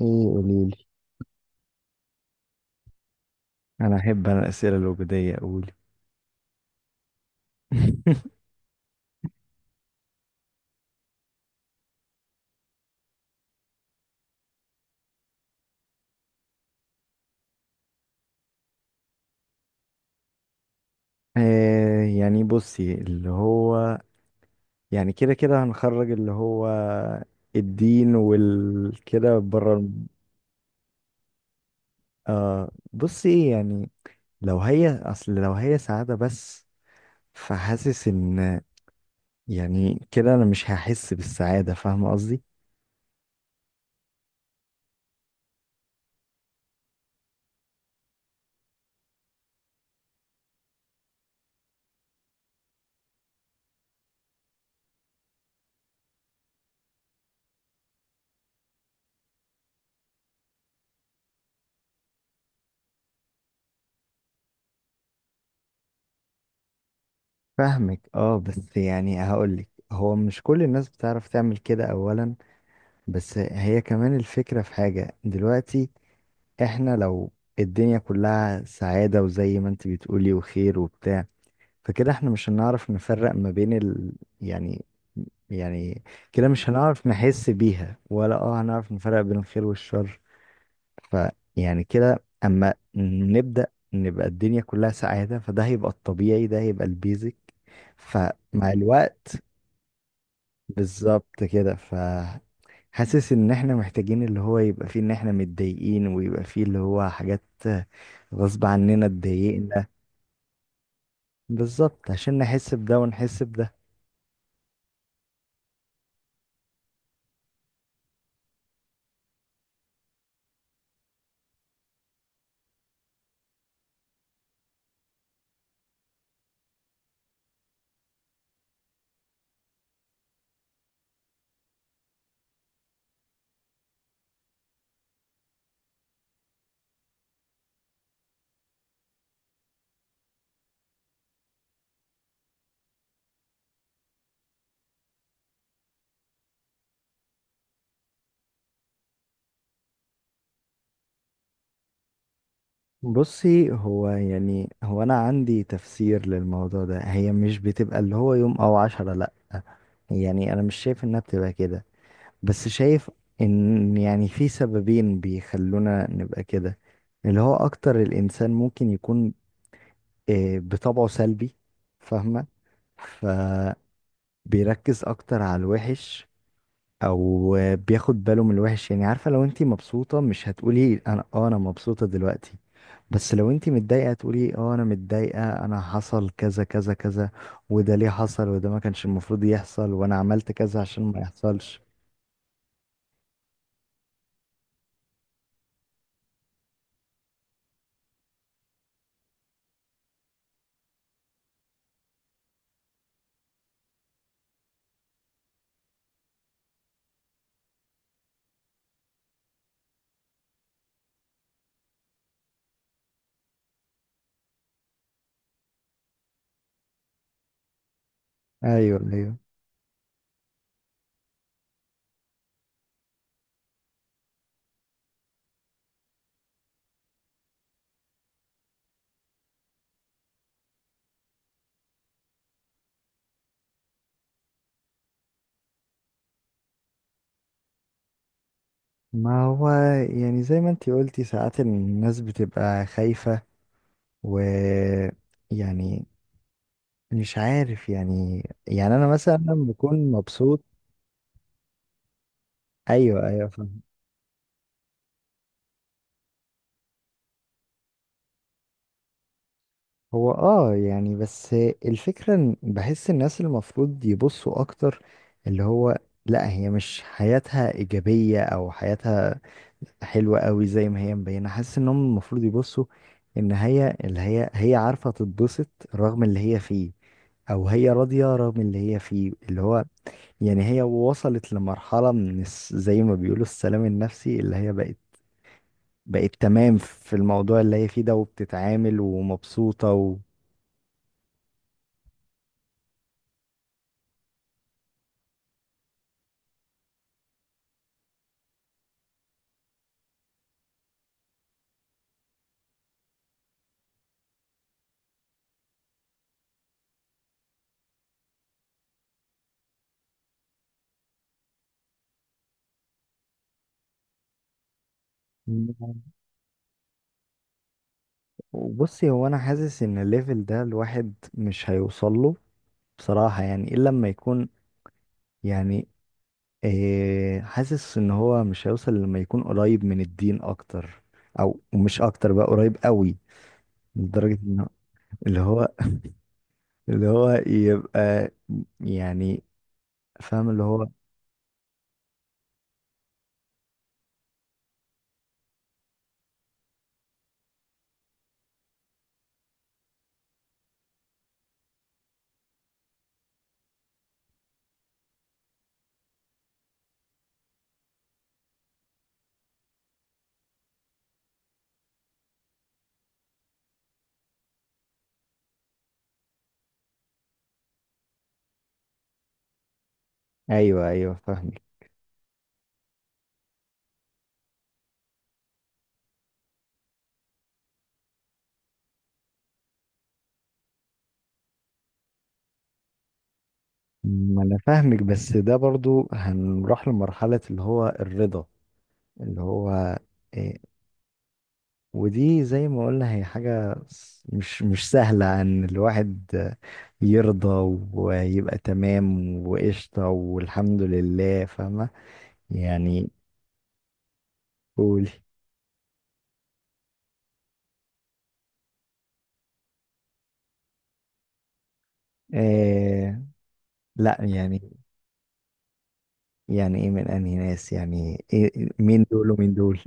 ايه، قوليلي. انا احب الاسئله الوجوديه، قولي. آه، يعني بصي اللي هو، يعني كده كده هنخرج اللي هو الدين والكده بره. آه، بصي ايه يعني. لو هي سعاده بس، فحاسس ان يعني كده انا مش هحس بالسعاده، فاهمه قصدي. فاهمك. اه، بس يعني هقولك، هو مش كل الناس بتعرف تعمل كده اولا، بس هي كمان الفكره في حاجه دلوقتي. احنا لو الدنيا كلها سعادة، وزي ما انت بتقولي وخير وبتاع، فكده احنا مش هنعرف نفرق ما بين يعني يعني كده مش هنعرف نحس بيها، ولا هنعرف نفرق بين الخير والشر. فيعني كده اما نبدأ نبقى الدنيا كلها سعادة، فده هيبقى الطبيعي، ده هيبقى البيزك. فمع الوقت بالظبط كده. ف حاسس ان احنا محتاجين اللي هو يبقى فيه ان احنا متضايقين، ويبقى فيه اللي هو حاجات غصب عننا اتضايقنا، بالظبط عشان نحس بده ونحس بده. بصي، هو انا عندي تفسير للموضوع ده. هي مش بتبقى اللي هو يوم او 10، لا. يعني انا مش شايف انها بتبقى كده، بس شايف ان يعني في سببين بيخلونا نبقى كده. اللي هو اكتر الانسان ممكن يكون بطبعه سلبي، فاهمة؟ فبيركز أكتر على الوحش، أو بياخد باله من الوحش. يعني عارفة، لو انتي مبسوطة مش هتقولي أنا مبسوطة دلوقتي، بس لو انتي متضايقة تقولي آه أنا متضايقة، أنا حصل كذا كذا كذا، وده ليه حصل، وده ما كانش المفروض يحصل، وأنا عملت كذا عشان ما يحصلش. أيوه، أيوه. ما هو يعني زي ما انتي قلتي، ساعات الناس بتبقى خايفة، و يعني مش عارف، يعني انا مثلا بكون مبسوط. ايوه، ايوه، فاهم. هو يعني، بس الفكره ان بحس الناس المفروض يبصوا اكتر، اللي هو، لا هي مش حياتها ايجابيه او حياتها حلوه قوي زي ما هي مبينه. حاسس انهم المفروض يبصوا ان هي اللي هي، هي عارفه تتبسط رغم اللي هي فيه، او هي راضيه رغم اللي هي فيه. اللي هو يعني هي وصلت لمرحله من زي ما بيقولوا السلام النفسي، اللي هي بقت تمام في الموضوع اللي هي فيه ده، وبتتعامل ومبسوطة وبصي، هو انا حاسس ان الليفل ده الواحد مش هيوصل له بصراحة، يعني الا لما يكون يعني حاسس ان هو مش هيوصل لما يكون قريب من الدين اكتر، او مش اكتر بقى، قريب قوي لدرجة ان اللي هو اللي هو يبقى يعني، فاهم اللي هو. ايوه، ايوه، فاهمك. ما انا فاهمك، بس ده برضو هنروح لمرحلة اللي هو الرضا، اللي هو إيه ودي زي ما قلنا هي حاجة مش سهلة ان الواحد يرضى ويبقى تمام وقشطة والحمد لله، فاهمة يعني. قولي. إيه، لا يعني، يعني ايه من انهي ناس؟ يعني إيه مين دول ومين دول؟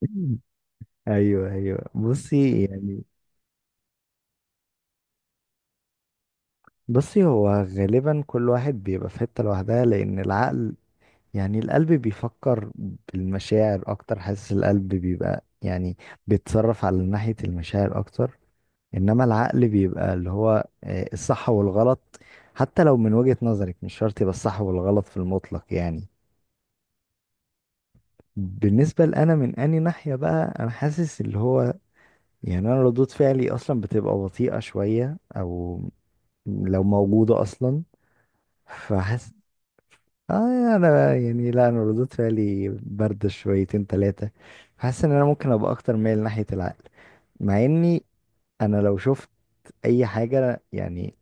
ايوه، ايوه، بصي يعني. هو غالبا كل واحد بيبقى في حتة لوحدها، لان العقل، يعني القلب بيفكر بالمشاعر اكتر. حاسس القلب بيبقى يعني بيتصرف على ناحية المشاعر اكتر، انما العقل بيبقى اللي هو الصح والغلط، حتى لو من وجهة نظرك مش شرط يبقى الصح والغلط في المطلق يعني. بالنسبة لأنا، من أني ناحية بقى، أنا حاسس اللي هو يعني أنا ردود فعلي أصلا بتبقى بطيئة شوية، أو لو موجودة أصلا، فحاسس اه يعني انا، يعني لا، انا ردود فعلي بارده شويتين ثلاثه. حاسس ان انا ممكن ابقى اكتر مايل ناحيه العقل، مع اني انا لو شفت اي حاجه، يعني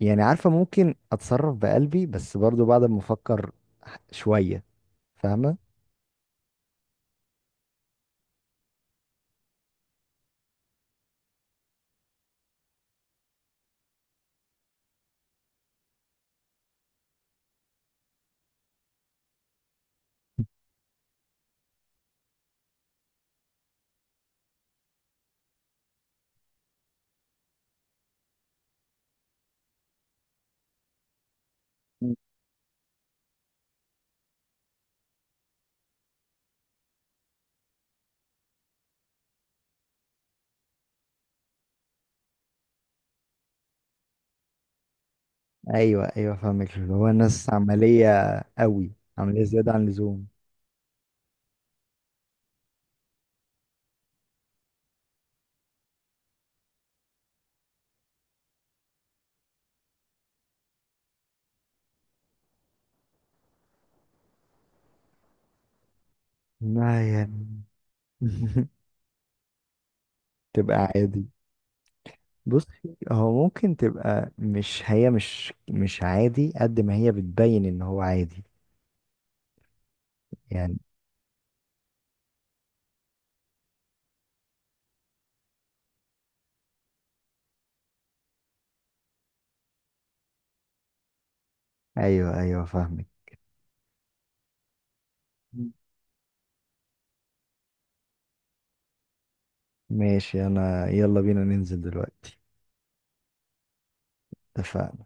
يعني عارفه ممكن اتصرف بقلبي، بس برضو بعد ما افكر شويه، فاهمه. مم. ايوه، ايوه، فاهمك، اللي هو ناس عمليه. قوي. عمليه زياده عن اللزوم. آه يعني. تبقى عادي. بصي، هو ممكن تبقى مش هي، مش عادي قد ما هي بتبين ان هو عادي يعني. ايوه، ايوه، فاهمك. ماشي، انا يلا بينا ننزل دلوقتي. اتفقنا.